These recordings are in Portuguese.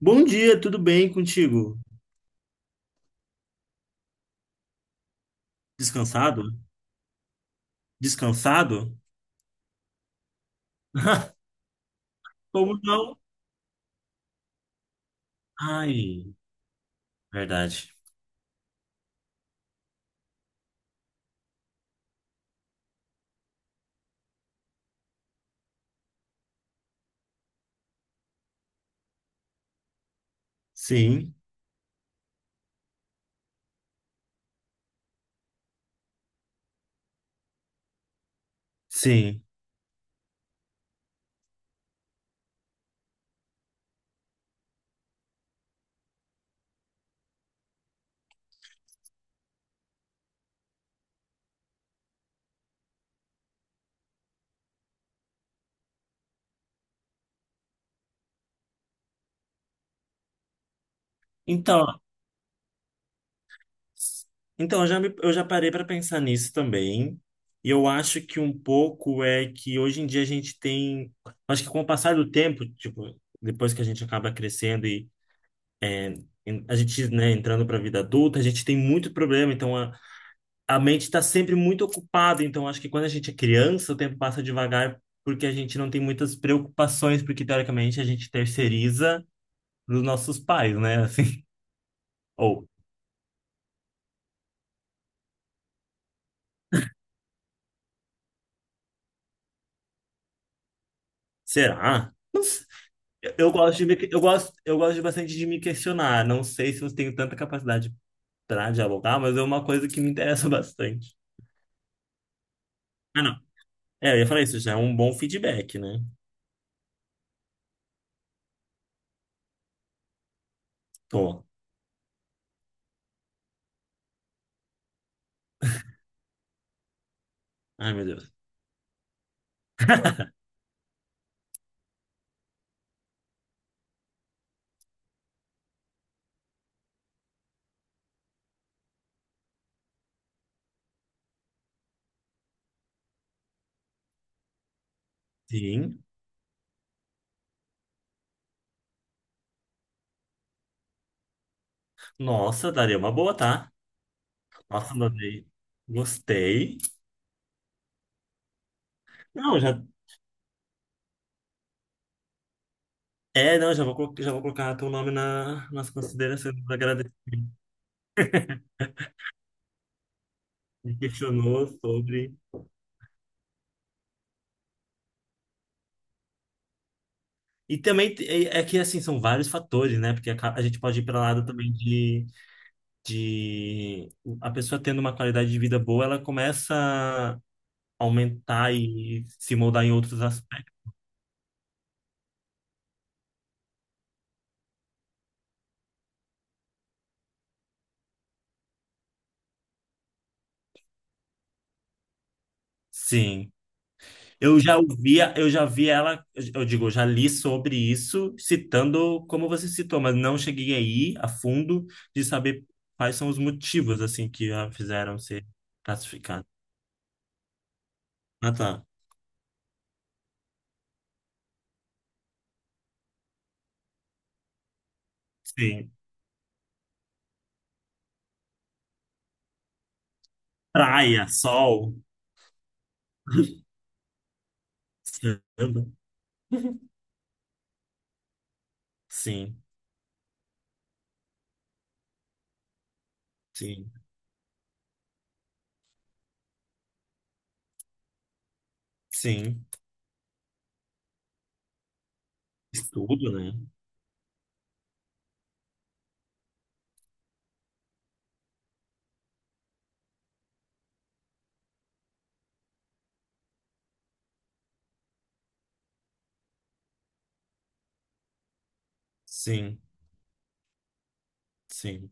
Bom dia, tudo bem contigo? Descansado? Descansado? Como não? Ai, verdade. Sim, sim. Então, então eu já parei para pensar nisso também. E eu acho que um pouco é que hoje em dia a gente tem, acho que com o passar do tempo, tipo, depois que a gente acaba crescendo e a gente, né, entrando para a vida adulta, a gente tem muito problema, então a mente está sempre muito ocupada, então acho que quando a gente é criança, o tempo passa devagar porque a gente não tem muitas preocupações, porque teoricamente a gente terceiriza para os nossos pais, né? Assim, ou será? Não sei. Eu gosto de me, eu gosto de bastante de me questionar. Não sei se eu tenho tanta capacidade para dialogar, mas é uma coisa que me interessa bastante. Ah, não. É, eu ia falar isso, já é um bom feedback, né? Tô. Ai, meu Deus. Sim. Nossa, daria uma boa, tá? Nossa, adorei. Gostei. Não, já é, não, já vou colocar teu nome na, nas considerações do agradecimento. Me questionou sobre. E também é, é que, assim, são vários fatores, né? Porque a gente pode ir para lado também de, de. A pessoa tendo uma qualidade de vida boa, ela começa a aumentar e se moldar em outros aspectos. Sim. Eu já ouvia, eu já vi ela, eu digo, eu já li sobre isso, citando como você citou, mas não cheguei aí a fundo de saber quais são os motivos assim que a fizeram ser classificada. Ah, tá. Sim. Praia, sol. Samba. Sim, sim, sim. Estudo, né? Sim, sim,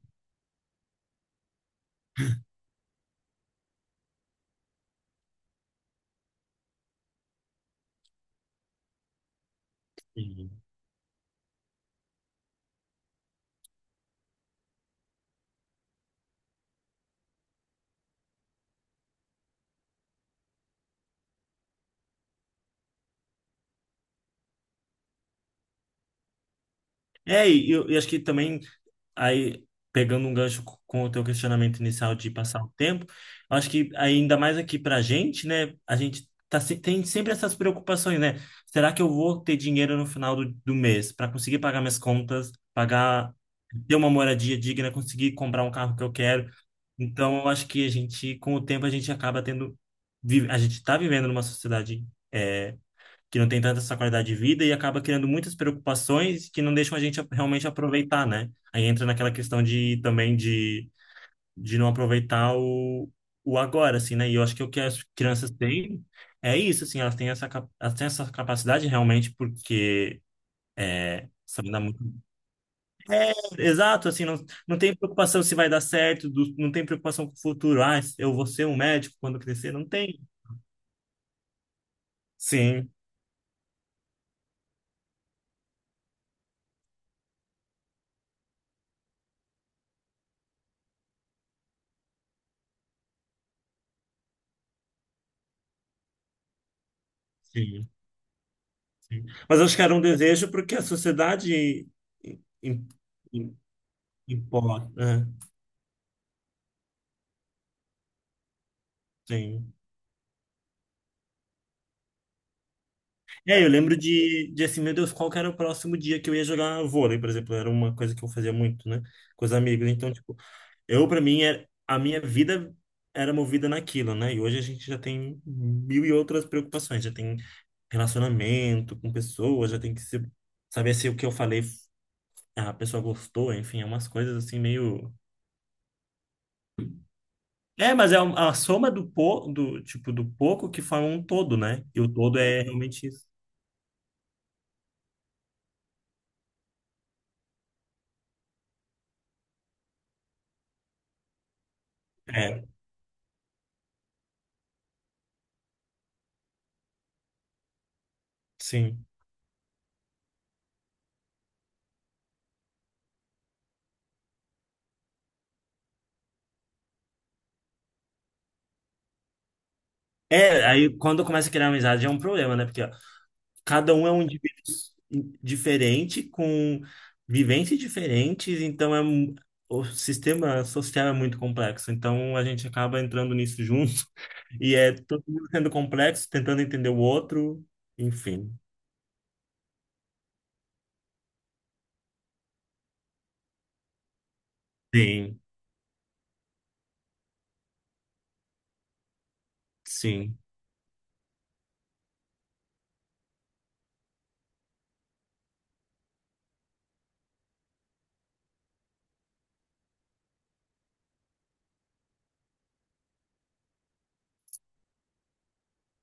sim. É, e eu, e acho que também aí pegando um gancho com o teu questionamento inicial de passar o tempo, eu acho que ainda mais aqui pra gente, né, a gente tá, tem sempre essas preocupações, né? Será que eu vou ter dinheiro no final do, do mês para conseguir pagar minhas contas, pagar, ter uma moradia digna, conseguir comprar um carro que eu quero? Então, eu acho que a gente, com o tempo, a gente acaba tendo, a gente está vivendo numa sociedade. É, que não tem tanta essa qualidade de vida e acaba criando muitas preocupações que não deixam a gente realmente aproveitar, né? Aí entra naquela questão de também de não aproveitar o agora, assim, né? E eu acho que é o que as crianças têm é isso, assim, elas têm essa, elas têm essa capacidade realmente porque é, sabe, dá muito. Exato, assim, não, não tem preocupação se vai dar certo, não tem preocupação com o futuro. Ah, eu vou ser um médico quando crescer, não tem. Sim, sim. Sim. Mas acho que era um desejo porque a sociedade im- im- impõe, né? Sim. É, eu lembro de assim, meu Deus, qual que era o próximo dia que eu ia jogar vôlei, por exemplo, era uma coisa que eu fazia muito, né, com os amigos. Então, tipo, eu para mim era, a minha vida era movida naquilo, né? E hoje a gente já tem mil e outras preocupações, já tem relacionamento com pessoas, já tem que se, saber se o que eu falei, ah, a pessoa gostou, enfim, é umas coisas assim meio. É, mas é a soma do, po, do tipo do pouco que forma um todo, né? E o todo é realmente isso. É, sim. É, aí quando começa a criar amizade é um problema, né? Porque ó, cada um é um indivíduo diferente, com vivências diferentes, então é o sistema social é muito complexo. Então a gente acaba entrando nisso junto e é todo mundo sendo complexo, tentando entender o outro, enfim. Sim, sim,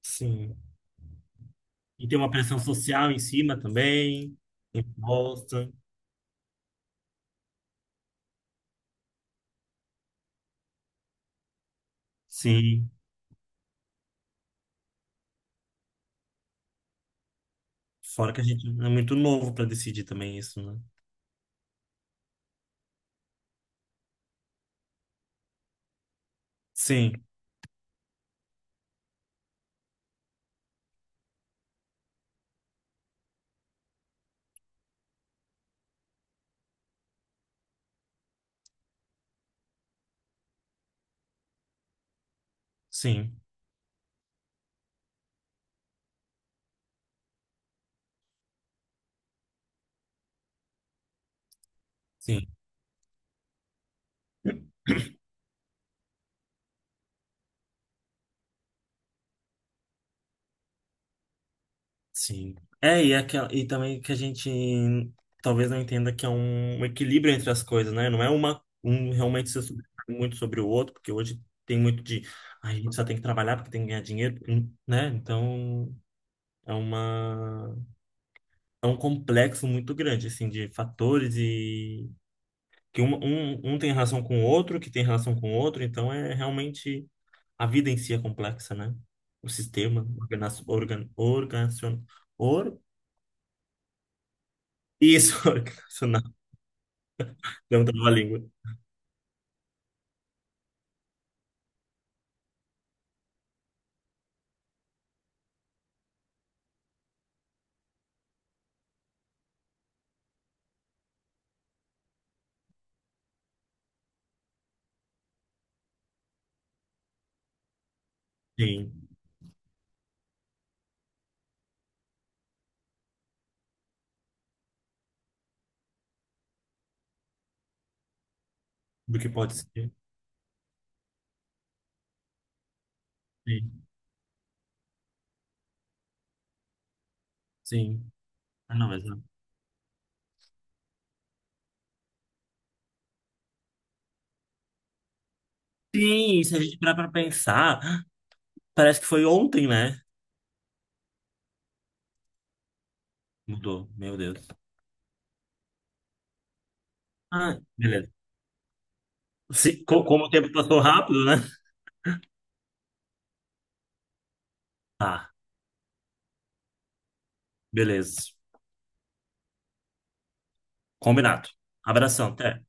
sim. E tem uma pressão social em cima também, imposta. Sim. Fora que a gente é muito novo para decidir também isso, né? Sim, sim, sim, sim. É, e, é aquela, e também que a gente talvez não entenda que é um, um equilíbrio entre as coisas, né? Não é uma, um realmente ser muito sobre o outro, porque hoje tem muito de. "Ai, a gente só tem que trabalhar porque tem que ganhar dinheiro, né? Então é uma. É um complexo muito grande, assim, de fatores que um tem relação com o outro, que tem relação com o outro, então é realmente a vida em si é complexa, né? O sistema organizacional. Or, isso, organizacional. Não trava a língua. Sim, do que pode ser. Sim, sim. Ah, não, mas não. Sim, se a gente parar pra pensar, parece que foi ontem, né? Mudou, meu Deus. Ah, beleza. Se, como o tempo passou rápido, né? Tá, beleza. Combinado. Abração, até.